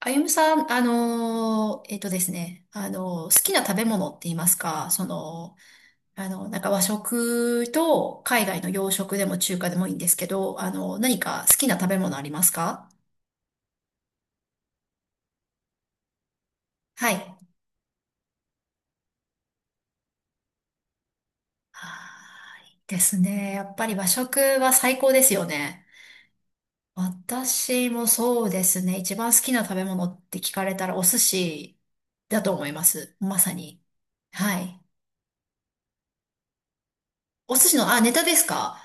あゆむさん、あのーえっとですね、好きな食べ物って言いますか、なんか和食と海外の洋食でも中華でもいいんですけど、何か好きな食べ物ありますか？はい。はーいですね。やっぱり和食は最高ですよね。私もそうですね。一番好きな食べ物って聞かれたらお寿司だと思います。まさに。はい。お寿司の、あ、ネタですか？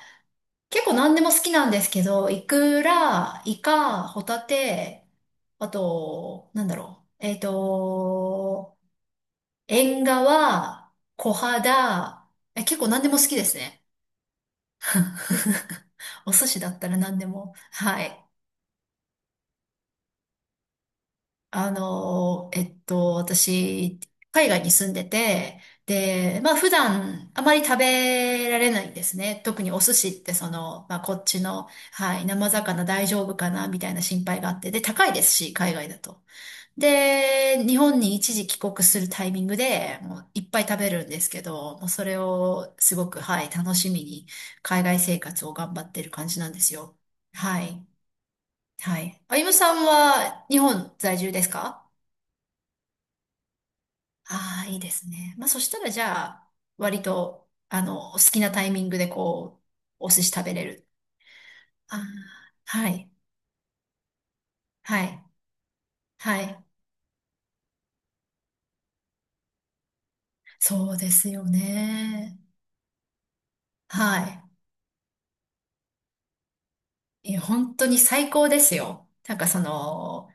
結構何でも好きなんですけど、イクラ、イカ、ホタテ、あと、なんだろう。縁側、小肌、結構何でも好きですね。お寿司だったら何でも。はい。私、海外に住んでて、で、まあ普段あまり食べられないんですね。特にお寿司ってまあこっちの、はい、生魚大丈夫かなみたいな心配があって、で、高いですし、海外だと。で、日本に一時帰国するタイミングで、もういっぱい食べるんですけど、もうそれをすごく、はい、楽しみに海外生活を頑張ってる感じなんですよ。はい、はい。あゆむさんは日本在住ですか？ああ、いいですね。まあ、そしたらじゃあ、割と、好きなタイミングでこう、お寿司食べれる。ああ、はい、はい、はい。そうですよね。はい。いや、本当に最高ですよ。なんか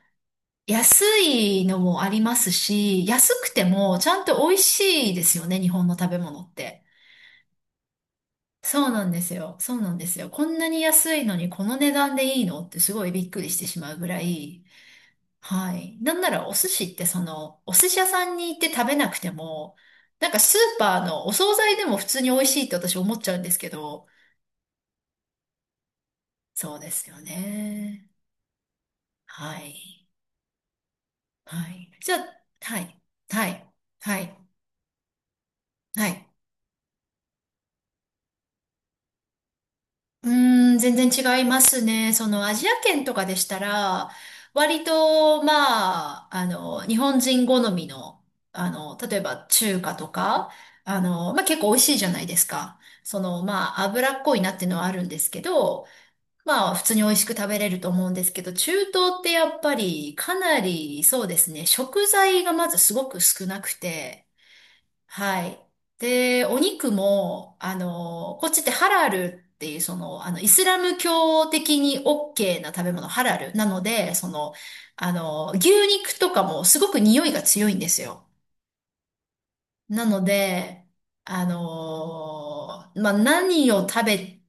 安いのもありますし、安くてもちゃんと美味しいですよね、日本の食べ物って。そうなんですよ。そうなんですよ。こんなに安いのにこの値段でいいのってすごいびっくりしてしまうぐらい。はい。なんならお寿司ってお寿司屋さんに行って食べなくても、なんかスーパーのお惣菜でも普通に美味しいって私思っちゃうんですけど、そうですよね。はい。はい。じゃあ、はい。はい。はい。はい。うーん、全然違いますね。そのアジア圏とかでしたら、割と、まあ、日本人好みの、例えば中華とか、まあ結構美味しいじゃないですか。まあ、脂っこいなっていうのはあるんですけど、まあ、普通に美味しく食べれると思うんですけど、中東ってやっぱりかなり、そうですね、食材がまずすごく少なくて、はい。で、お肉も、こっちってハラルっていう、イスラム教的に OK な食べ物、ハラル。なので、牛肉とかもすごく匂いが強いんですよ。なので、まあ、何を食べ、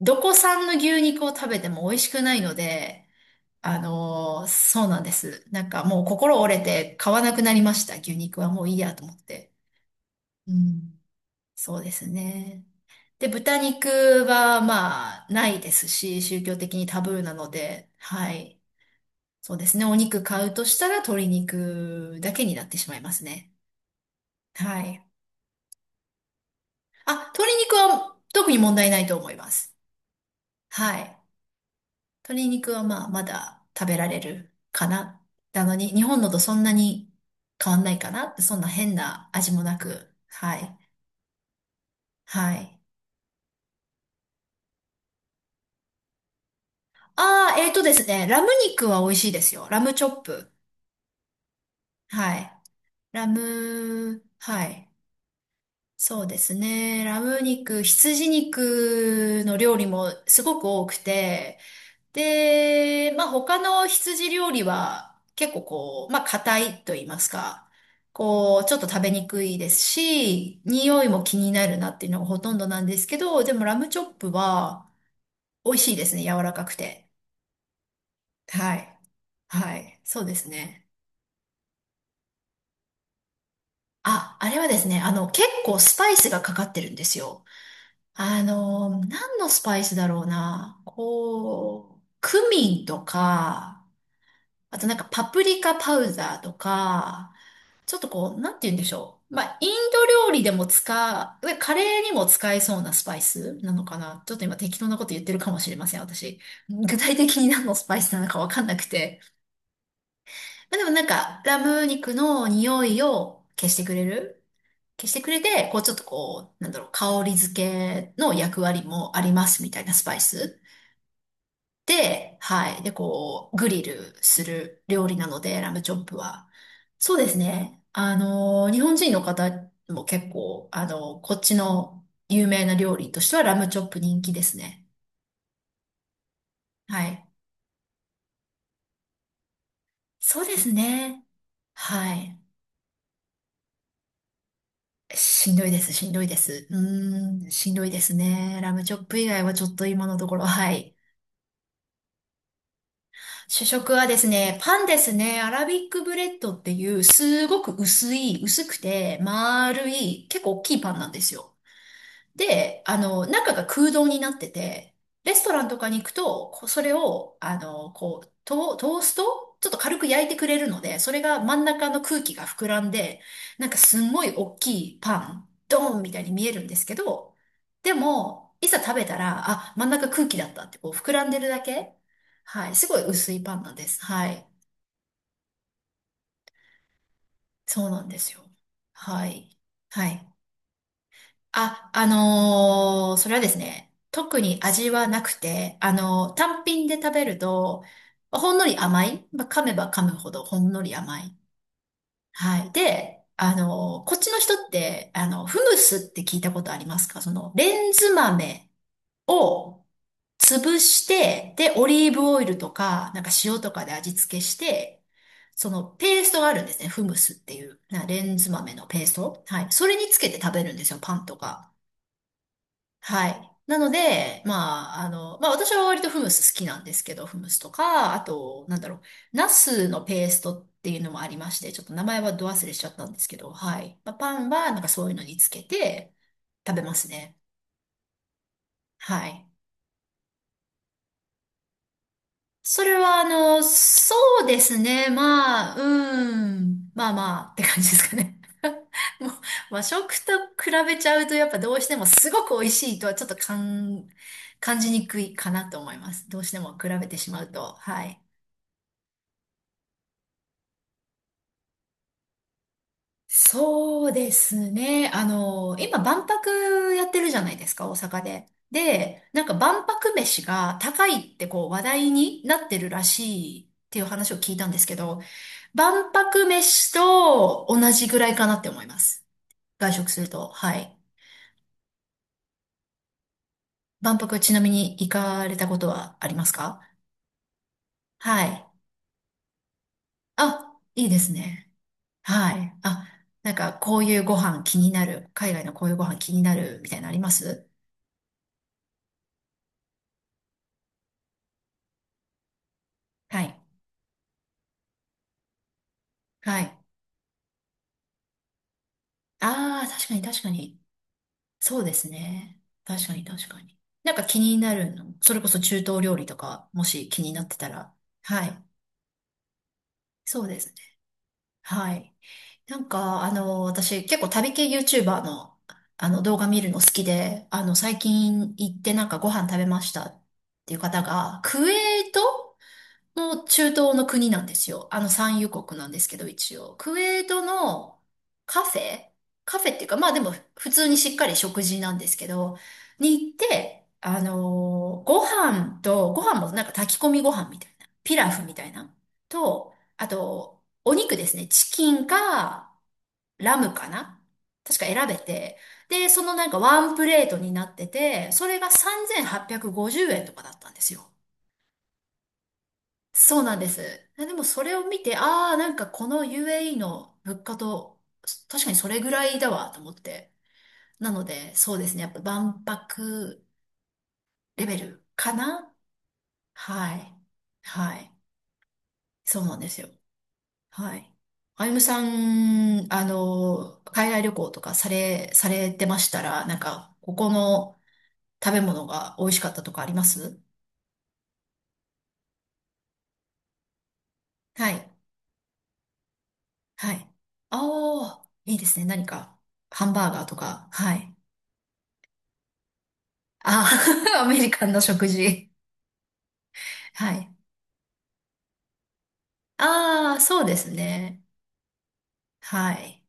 どこ産の牛肉を食べても美味しくないので、そうなんです。なんかもう心折れて買わなくなりました。牛肉はもういいやと思って。うん、そうですね。で、豚肉はまあないですし、宗教的にタブーなので、はい。そうですね。お肉買うとしたら鶏肉だけになってしまいますね。はい。あ、鶏肉は特に問題ないと思います。はい。鶏肉はまあまだ食べられるかな。なのに、日本のとそんなに変わんないかな。そんな変な味もなく。はい。はい。ああ、えーとですね。ラム肉は美味しいですよ。ラムチョップ。はい。ラム、はい。そうですね。ラム肉、羊肉の料理もすごく多くて、で、まあ他の羊料理は結構こう、まあ硬いと言いますか、こう、ちょっと食べにくいですし、匂いも気になるなっていうのがほとんどなんですけど、でもラムチョップは美味しいですね。柔らかくて。はい。はい。そうですね。あ、あれはですね、結構スパイスがかかってるんですよ。何のスパイスだろうな。こう、クミンとか、あとなんかパプリカパウダーとか、ちょっとこう、なんて言うんでしょう。まあ、インド料理でも使う、カレーにも使えそうなスパイスなのかな。ちょっと今適当なこと言ってるかもしれません、私。具体的に何のスパイスなのかわかんなくて。まあ、でもなんか、ラム肉の匂いを消してくれる消してくれて、こうちょっとこう、なんだろう、香り付けの役割もありますみたいなスパイス。で、はい。で、こう、グリルする料理なので、ラムチョップは。そうですね。日本人の方も結構、こっちの有名な料理としてはラムチョップ人気ですね。はい。そうですね。はい。しんどいです、しんどいです。うーん、しんどいですね。ラムチョップ以外はちょっと今のところ、はい。主食はですね、パンですね。アラビックブレッドっていう、すごく薄い、薄くて、丸い、結構大きいパンなんですよ。で、中が空洞になってて、レストランとかに行くと、こうそれを、こう、トーストちょっと軽く焼いてくれるので、それが真ん中の空気が膨らんで、なんかすんごい大きいパン、ドーンみたいに見えるんですけど、でも、いざ食べたら、あ、真ん中空気だったって、こう膨らんでるだけ。はい。すごい薄いパンなんです。はい。そうなんですよ。はい。はい。あ、それはですね、特に味はなくて、単品で食べると、ほんのり甘い、まあ、噛めば噛むほどほんのり甘い。はい。で、こっちの人って、フムスって聞いたことありますか？レンズ豆を潰して、で、オリーブオイルとか、なんか塩とかで味付けして、そのペーストがあるんですね。フムスっていう、なレンズ豆のペースト。はい。それにつけて食べるんですよ、パンとか。はい。なので、まあ、まあ私は割とフムス好きなんですけど、フムスとか、あと、なんだろう、ナスのペーストっていうのもありまして、ちょっと名前はど忘れしちゃったんですけど、はい。まあ、パンはなんかそういうのにつけて食べますね。はい。それは、そうですね。まあ、うん。まあまあ、って感じですかね。もう、和食と比べちゃうと、やっぱどうしてもすごく美味しいとはちょっと感じにくいかなと思います。どうしても比べてしまうと。はい。そうですね。今、万博やってるじゃないですか、大阪で。で、なんか万博飯が高いってこう話題になってるらしいっていう話を聞いたんですけど、万博飯と同じぐらいかなって思います。外食すると。はい。万博ちなみに行かれたことはありますか？はい。あ、いいですね。はい。あ、なんかこういうご飯気になる。海外のこういうご飯気になるみたいなのあります？はい。はい。ああ、確かに確かに。そうですね。確かに確かに。なんか気になるの。それこそ中東料理とか、もし気になってたら。はい。そうですね。はい。なんか、私結構旅系 YouTuber の、あの動画見るの好きで、最近行ってなんかご飯食べましたっていう方が、クウェートの中東の国なんですよ。あの産油国なんですけど、一応。クウェートのカフェカフェっていうか、まあでも普通にしっかり食事なんですけど、に行って、ご飯もなんか炊き込みご飯みたいな、ピラフみたいな、と、あと、お肉ですね。チキンか、ラムかな確か選べて。で、なんかワンプレートになってて、それが3850円とかだったんですよ。そうなんです。でもそれを見て、ああ、なんかこの UAE の物価と、確かにそれぐらいだわと思って。なので、そうですね。やっぱ万博レベルかな。はい。はい。そうなんですよ。はい。あゆむさん、海外旅行とかされてましたら、なんか、ここの、食べ物が美味しかったとかあります？はい。はい。ああ、いいですね。何か、ハンバーガーとか。はい。ああ、アメリカンの食事。はい。ああ、そうですね。はい。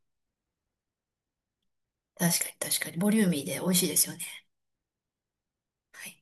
確かに確かに。ボリューミーで美味しいですよね。はい